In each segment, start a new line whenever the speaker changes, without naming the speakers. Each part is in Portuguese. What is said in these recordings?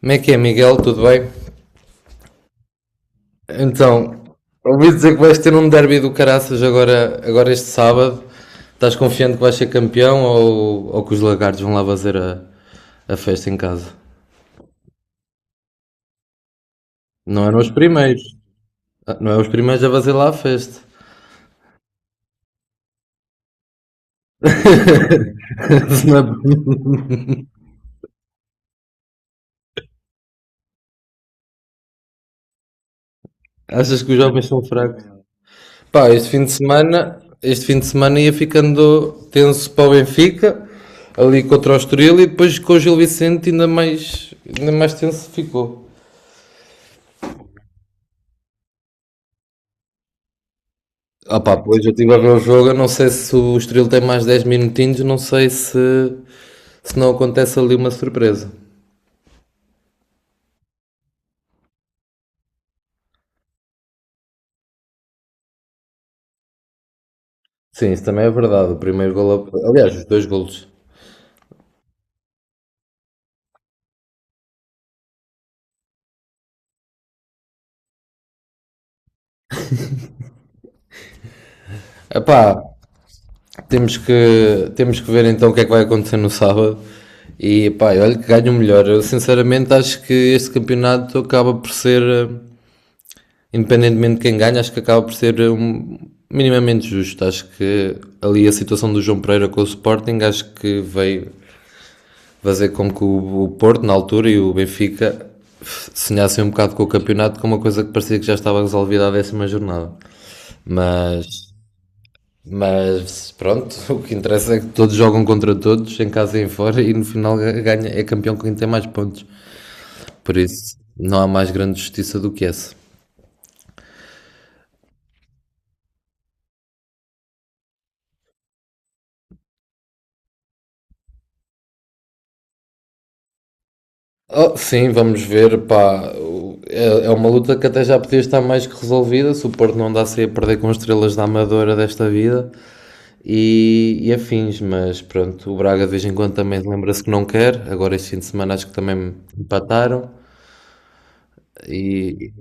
Como é que é, Miguel? Tudo bem? Então, ouvi dizer que vais ter um derby do Caraças agora este sábado. Estás confiante que vais ser campeão ou que os lagartos vão lá fazer a festa em casa? Não eram os primeiros. Ah, não é os primeiros a fazer lá a festa. Não é- Achas que os jovens são fracos? Pá, este fim de semana ia ficando tenso para o Benfica, ali contra o Estoril e depois com o Gil Vicente ainda mais tenso ficou. Ah pá, pois eu estive a ver o jogo, eu não sei se o Estoril tem mais 10 minutinhos, não sei se não acontece ali uma surpresa. Sim, isso também é verdade, o primeiro gol, aliás, os dois golos. Ah, temos que ver então o que é que vai acontecer no sábado. E pá, olha que ganho o melhor. Eu sinceramente acho que este campeonato acaba por ser, independentemente de quem ganha, acho que acaba por ser minimamente justo. Acho que ali a situação do João Pereira com o Sporting, acho que veio fazer com que o Porto, na altura, e o Benfica sonhassem um bocado com o campeonato, com uma coisa que parecia que já estava resolvida à décima jornada. Mas, mas pronto, o que interessa é que todos jogam contra todos, em casa e em fora, e no final ganha, é campeão quem tem mais pontos. Por isso, não há mais grande justiça do que essa. Oh, sim, vamos ver, pá. É uma luta que até já podia estar mais que resolvida. Se o Porto não andasse a perder com estrelas da Amadora desta vida, e afins, mas pronto, o Braga de vez em quando também lembra-se que não quer, agora este fim de semana acho que também me empataram, e,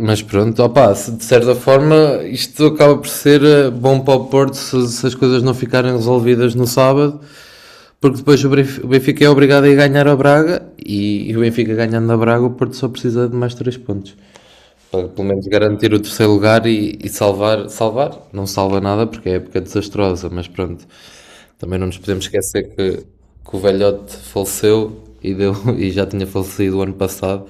mas pronto, opá, se de certa forma isto acaba por ser bom para o Porto se as coisas não ficarem resolvidas no sábado, porque depois o Benfica é obrigado a ir ganhar a Braga, e o Benfica ganhando a Braga, o Porto só precisa de mais três pontos. Para pelo menos garantir o terceiro lugar e salvar, não salva nada porque é época desastrosa, mas pronto, também não nos podemos esquecer que o velhote faleceu e já tinha falecido o ano passado.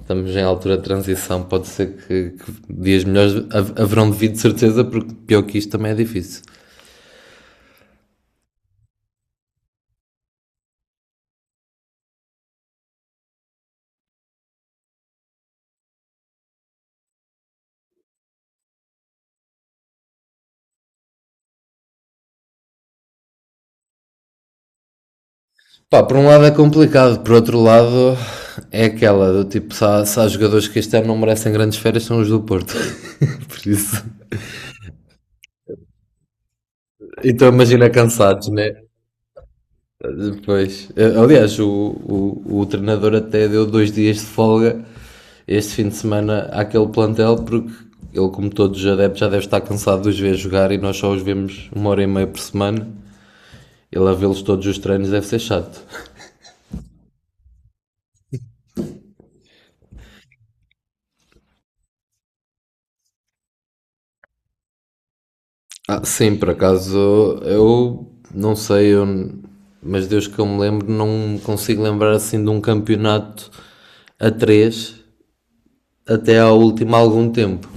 Estamos em altura de transição, pode ser que dias melhores haverão de vir de certeza, porque pior que isto também é difícil. Pá, por um lado é complicado, por outro lado é aquela do tipo, se há jogadores que este ano não merecem grandes férias, são os do Porto. por isso. Então imagina cansados, né? Depois, aliás, o treinador até deu 2 dias de folga este fim de semana àquele plantel, porque ele, como todos os adeptos, já deve estar cansado de os ver jogar e nós só os vemos uma hora e meia por semana. Ele a vê-los todos os treinos deve ser chato. Ah, sim, por acaso, eu não sei, mas desde que eu me lembro, não consigo lembrar assim de um campeonato a três até ao último há algum tempo.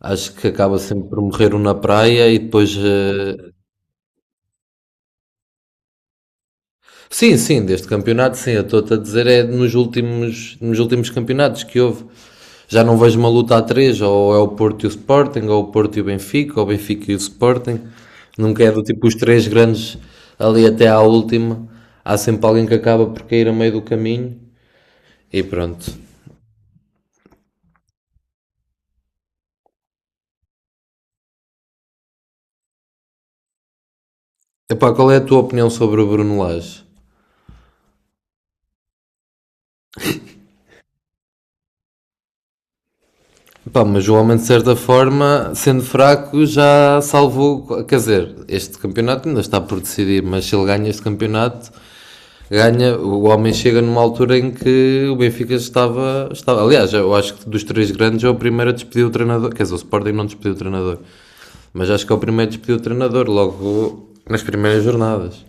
Acho que acaba sempre por morrer um na praia e depois. Sim, sim, deste campeonato, sim. Eu estou-te a dizer, é nos últimos campeonatos que houve. Já não vejo uma luta a três, ou é o Porto e o Sporting, ou o Porto e o Benfica, ou o Benfica e o Sporting. Nunca é do tipo os três grandes ali até à última. Há sempre alguém que acaba por cair a meio do caminho e pronto. Epá, qual é a tua opinião sobre o Bruno Lage? Pá, mas o homem, de certa forma, sendo fraco, já salvou. Quer dizer, este campeonato ainda está por decidir, mas se ele ganha este campeonato, ganha. O homem chega numa altura em que o Benfica estava, aliás, eu acho que dos três grandes é o primeiro a despedir o treinador. Quer dizer, o Sporting não despediu o trespediu o treinador, mas acho que é o primeiro a despedir o treinador, logo nas primeiras jornadas.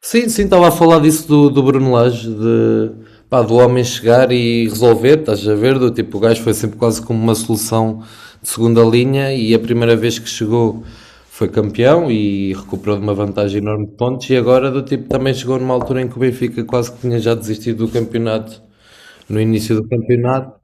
Sim, sim, estava a falar disso do Bruno Lage, pá, do homem chegar e resolver, estás a ver? Do tipo, o gajo foi sempre quase como uma solução de segunda linha e a primeira vez que chegou foi campeão e recuperou de uma vantagem enorme de pontos e agora do tipo também chegou numa altura em que o Benfica quase que tinha já desistido do campeonato no início do campeonato.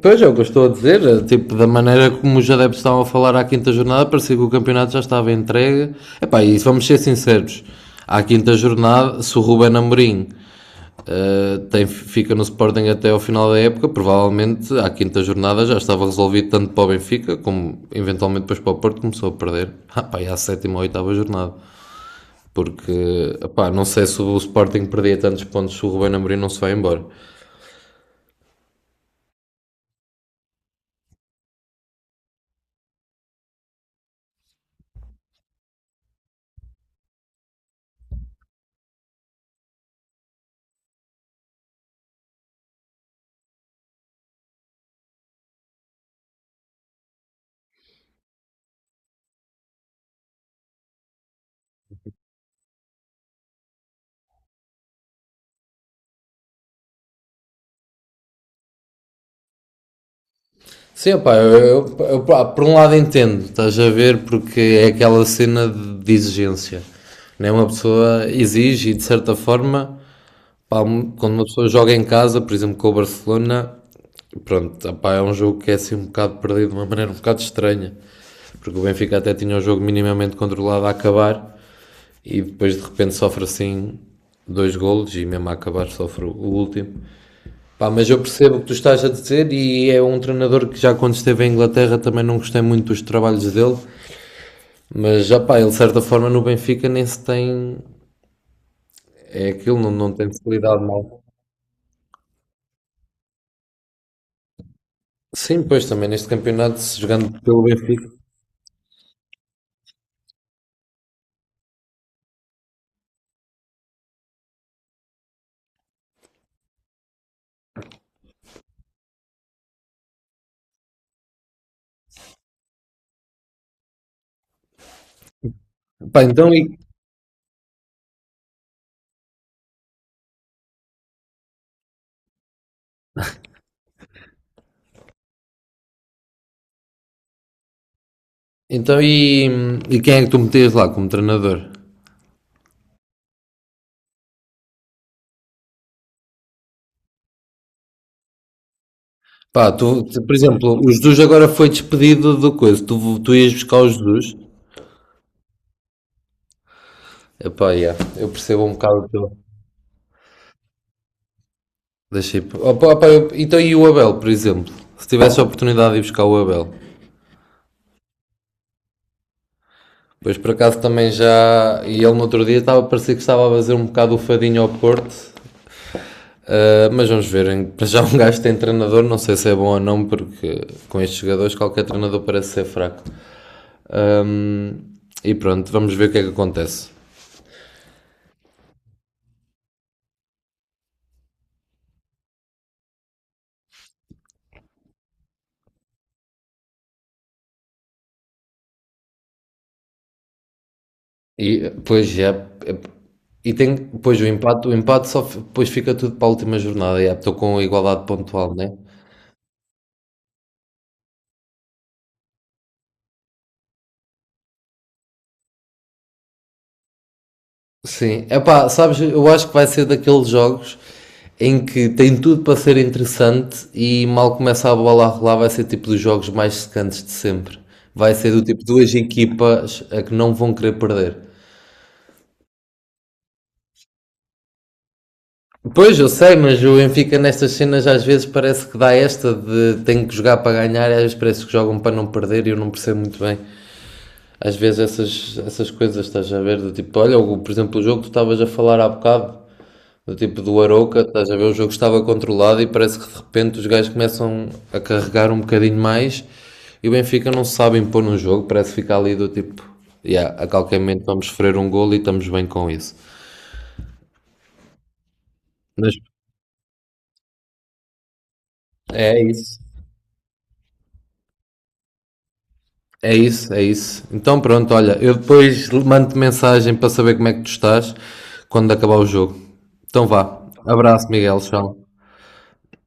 Pois é, o que eu estou a dizer, é, tipo, da maneira como os adeptos estavam a falar à quinta jornada, parecia que o campeonato já estava entregue. Epá, e se vamos ser sinceros, à quinta jornada, se o Ruben Amorim fica no Sporting até ao final da época, provavelmente à quinta jornada já estava resolvido tanto para o Benfica, como eventualmente depois para o Porto, começou a perder. Ah, pá, e à sétima ou oitava jornada. Porque, epá, não sei se o Sporting perdia tantos pontos se o Ruben Amorim não se vai embora. Sim, pá, por um lado entendo, estás a ver, porque é aquela cena de exigência. Né? Uma pessoa exige e, de certa forma, pá, quando uma pessoa joga em casa, por exemplo, com o Barcelona, pronto, pá, é um jogo que é assim um bocado perdido de uma maneira um bocado estranha. Porque o Benfica até tinha o jogo minimamente controlado a acabar e depois de repente sofre assim dois golos e mesmo a acabar sofre o último. Pá, mas eu percebo o que tu estás a dizer e é um treinador que já quando esteve em Inglaterra também não gostei muito dos trabalhos dele, mas já pá, ele de certa forma no Benfica nem se tem, é aquilo, não, não tem se lidado mal. Sim, pois também neste campeonato, se jogando pelo Benfica. Pá, então, e quem é que tu metias lá como treinador? Pá, por exemplo, o Jesus agora foi despedido do coisa, tu ias buscar o Jesus? Epá, yeah, eu percebo um bocado o teu. Deixei. Opa, opa, então, e o Abel, por exemplo? Se tivesse a oportunidade de ir buscar o Abel, pois por acaso também já. E ele no outro dia estava, parecia que estava a fazer um bocado o fadinho ao Porto, ah, mas vamos ver. Para já, um gajo tem treinador, não sei se é bom ou não, porque com estes jogadores qualquer treinador parece ser fraco. Ahm, e pronto, vamos ver o que é que acontece. E pois já. E tem. Pois o empate só. Depois fica tudo para a última jornada, já, estou com igualdade pontual, né? Sim, epá, sabes, eu acho que vai ser daqueles jogos em que tem tudo para ser interessante e mal começa a bola a rolar vai ser tipo dos jogos mais secantes de sempre. Vai ser do tipo duas equipas a que não vão querer perder. Pois, eu sei, mas o Benfica nestas cenas às vezes parece que dá esta de tem que jogar para ganhar e às vezes parece que jogam para não perder e eu não percebo muito bem. Às vezes essas coisas estás a ver, do tipo, olha, por exemplo, o jogo que tu estavas a falar há bocado, do tipo do Arouca, estás a ver? O jogo estava controlado e parece que de repente os gajos começam a carregar um bocadinho mais e o Benfica não se sabe impor no jogo, parece ficar ali do tipo, yeah, a qualquer momento vamos sofrer um golo e estamos bem com isso. Mas é isso. É isso, é isso. Então pronto, olha, eu depois mando-te mensagem para saber como é que tu estás quando acabar o jogo. Então vá. Abraço, Miguel. Tchau.